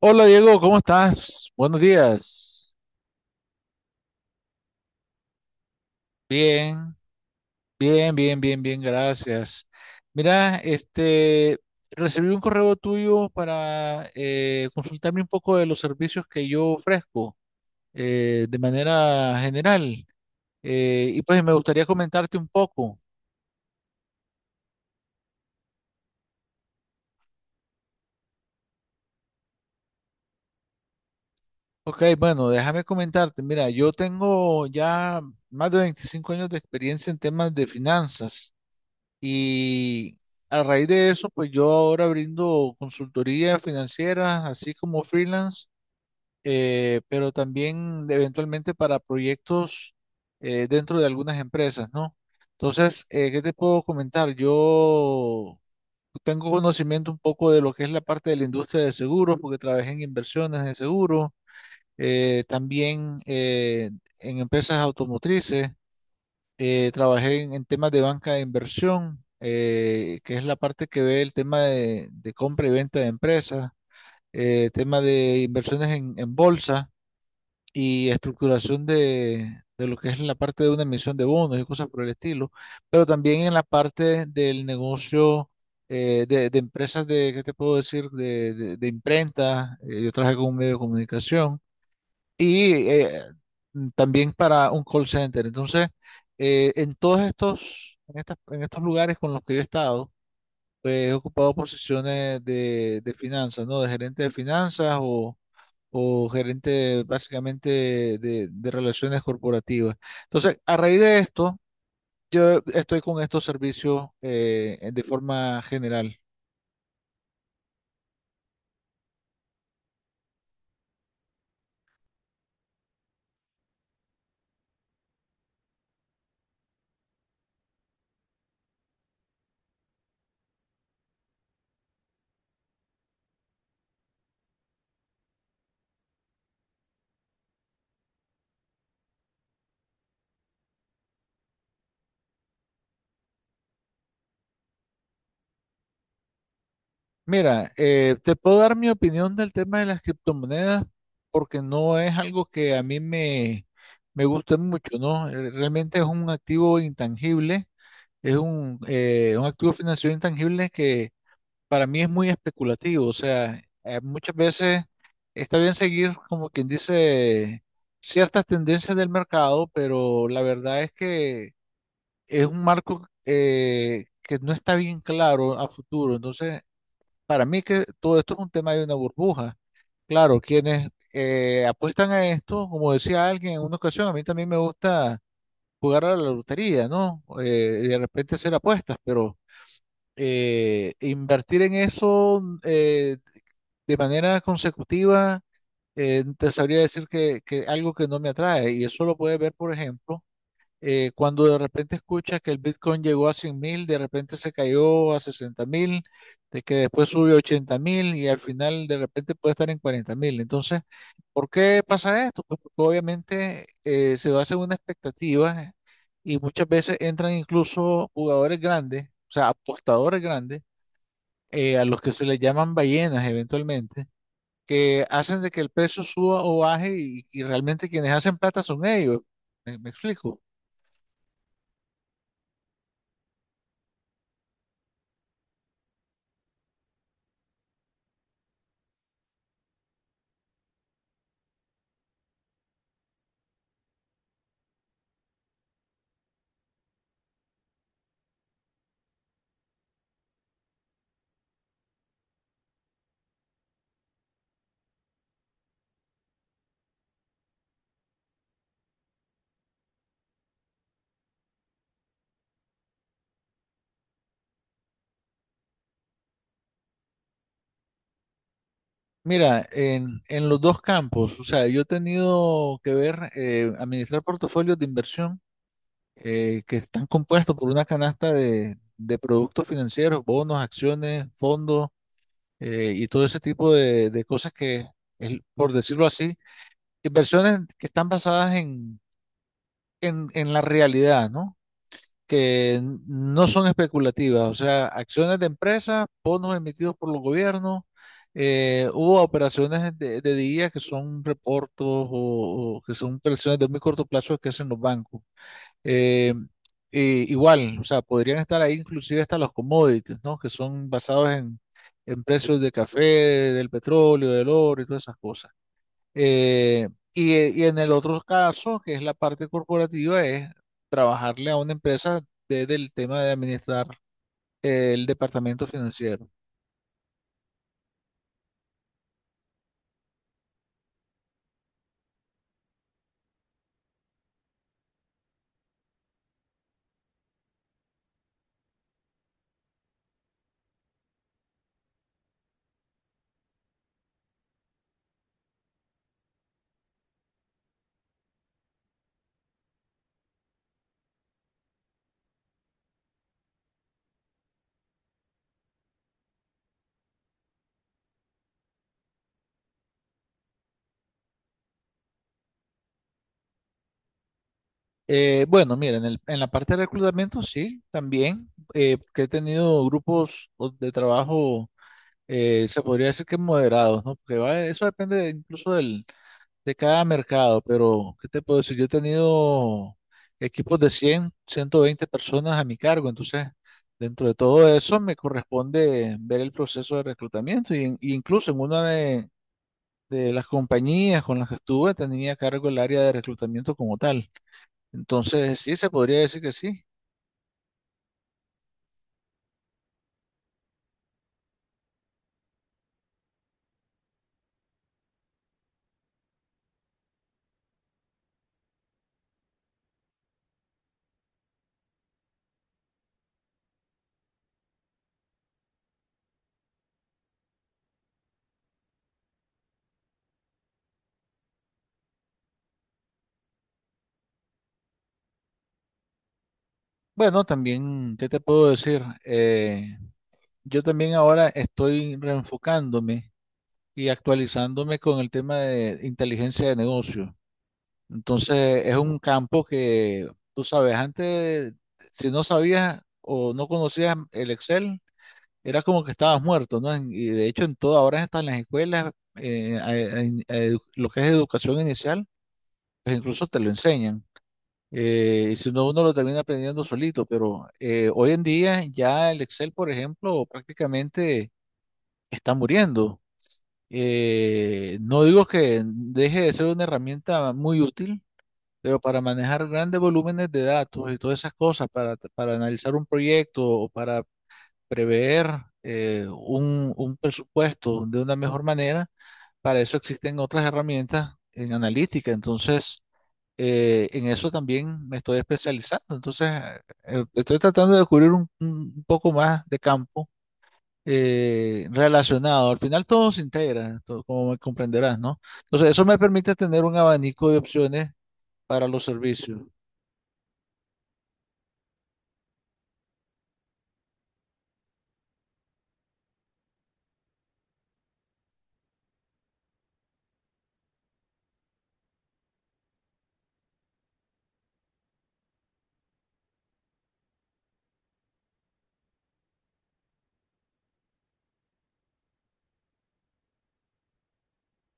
Hola Diego, ¿cómo estás? Buenos días. Bien, bien, bien, bien, bien, gracias. Mira, este, recibí un correo tuyo para consultarme un poco de los servicios que yo ofrezco de manera general. Y pues me gustaría comentarte un poco. Ok, bueno, déjame comentarte. Mira, yo tengo ya más de 25 años de experiencia en temas de finanzas. Y a raíz de eso, pues yo ahora brindo consultoría financiera, así como freelance, pero también eventualmente para proyectos dentro de algunas empresas, ¿no? Entonces, ¿qué te puedo comentar? Yo tengo conocimiento un poco de lo que es la parte de la industria de seguros, porque trabajé en inversiones de seguros, también en empresas automotrices. Trabajé en temas de banca de inversión, que es la parte que ve el tema de compra y venta de empresas, tema de inversiones en bolsa y estructuración de lo que es la parte de una emisión de bonos y cosas por el estilo, pero también en la parte del negocio de empresas de, ¿qué te puedo decir?, de imprenta, yo trabajé con un medio de comunicación y también para un call center. Entonces, en todos estos, en estas, en estos lugares con los que yo he estado, pues, he ocupado posiciones de finanzas, ¿no? De gerente de finanzas o gerente básicamente de relaciones corporativas. Entonces, a raíz de esto, yo estoy con estos servicios de forma general. Mira, te puedo dar mi opinión del tema de las criptomonedas porque no es algo que a mí me guste mucho, ¿no? Realmente es un activo intangible, es un activo financiero intangible que para mí es muy especulativo, o sea, muchas veces está bien seguir, como quien dice, ciertas tendencias del mercado, pero la verdad es que es un marco que no está bien claro a futuro, entonces para mí que todo esto es un tema de una burbuja. Claro, quienes apuestan a esto, como decía alguien en una ocasión, a mí también me gusta jugar a la lotería, ¿no? Y de repente hacer apuestas, pero invertir en eso de manera consecutiva, te sabría decir que algo que no me atrae. Y eso lo puedes ver, por ejemplo cuando de repente escuchas que el Bitcoin llegó a 100.000, de repente se cayó a 60.000, de que después sube a 80.000 y al final de repente puede estar en 40.000. Entonces, ¿por qué pasa esto? Pues porque obviamente se basa en una expectativa y muchas veces entran incluso jugadores grandes, o sea, apostadores grandes, a los que se les llaman ballenas eventualmente, que hacen de que el precio suba o baje y realmente quienes hacen plata son ellos. ¿Me explico? Mira, en los dos campos, o sea, yo he tenido que ver, administrar portafolios de inversión que están compuestos por una canasta de productos financieros, bonos, acciones, fondos y todo ese tipo de cosas que, por decirlo así, inversiones que están basadas en la realidad, ¿no? Que no son especulativas, o sea, acciones de empresas, bonos emitidos por los gobiernos, hubo operaciones de día que son reportos o que son operaciones de muy corto plazo que hacen los bancos. Eh, igual, o sea, podrían estar ahí inclusive hasta los commodities, ¿no? Que son basados en precios de café, del petróleo, del oro y todas esas cosas. Y en el otro caso, que es la parte corporativa, es trabajarle a una empresa desde el tema de administrar el departamento financiero. Bueno, miren, en la parte de reclutamiento sí, también, que he tenido grupos de trabajo, se podría decir que moderados, ¿no? Porque va, eso depende incluso del, de cada mercado, pero ¿qué te puedo decir? Yo he tenido equipos de 100, 120 personas a mi cargo, entonces dentro de todo eso me corresponde ver el proceso de reclutamiento y, y incluso en una de las compañías con las que estuve tenía a cargo el área de reclutamiento como tal. Entonces sí, se podría decir que sí. Bueno, también, ¿qué te puedo decir? Yo también ahora estoy reenfocándome y actualizándome con el tema de inteligencia de negocio. Entonces es un campo que, tú sabes, antes, si no sabías o no conocías el Excel, era como que estabas muerto, ¿no? Y de hecho en todas horas están las escuelas, lo que es educación inicial, pues incluso te lo enseñan. Y si no, uno lo termina aprendiendo solito, pero hoy en día ya el Excel, por ejemplo, prácticamente está muriendo. No digo que deje de ser una herramienta muy útil, pero para manejar grandes volúmenes de datos y todas esas cosas, para analizar un proyecto o para prever un presupuesto de una mejor manera, para eso existen otras herramientas en analítica. Entonces, en eso también me estoy especializando. Entonces, estoy tratando de descubrir un poco más de campo relacionado. Al final todo se integra, como comprenderás, ¿no? Entonces, eso me permite tener un abanico de opciones para los servicios.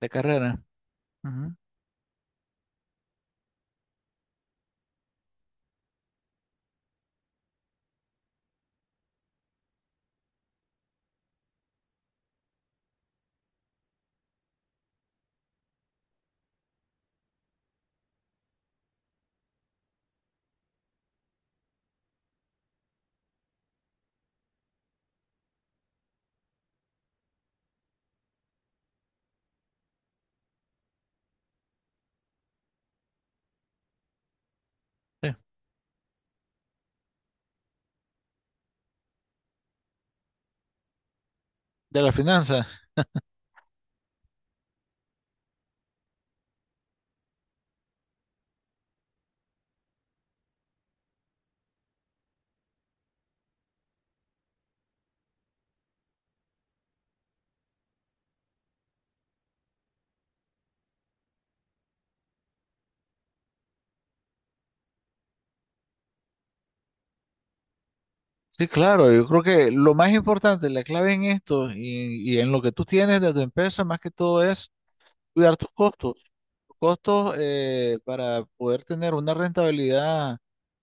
De carrera. Ujú, sí. De las finanzas. Sí, claro, yo creo que lo más importante, la clave en esto y en lo que tú tienes de tu empresa, más que todo es cuidar tus costos. Tus costos para poder tener una rentabilidad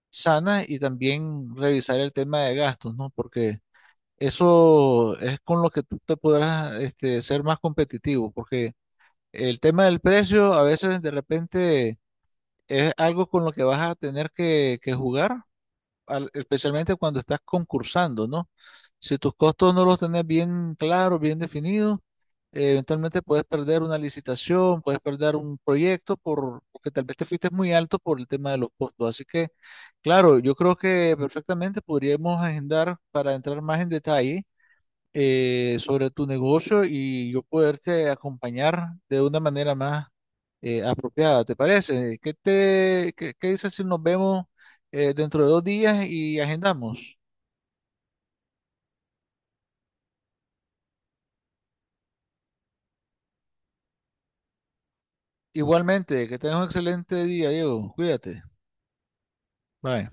sana y también revisar el tema de gastos, ¿no? Porque eso es con lo que tú te podrás, este, ser más competitivo, porque el tema del precio a veces de repente es algo con lo que vas a tener que jugar, especialmente cuando estás concursando, ¿no? Si tus costos no los tenés bien claros, bien definidos, eventualmente puedes perder una licitación, puedes perder un proyecto porque tal vez te fuiste muy alto por el tema de los costos. Así que, claro, yo creo que perfectamente podríamos agendar para entrar más en detalle sobre tu negocio y yo poderte acompañar de una manera más apropiada, ¿te parece? ¿Qué dices si nos vemos dentro de 2 días y agendamos? Igualmente, que tengas un excelente día, Diego. Cuídate. Bye.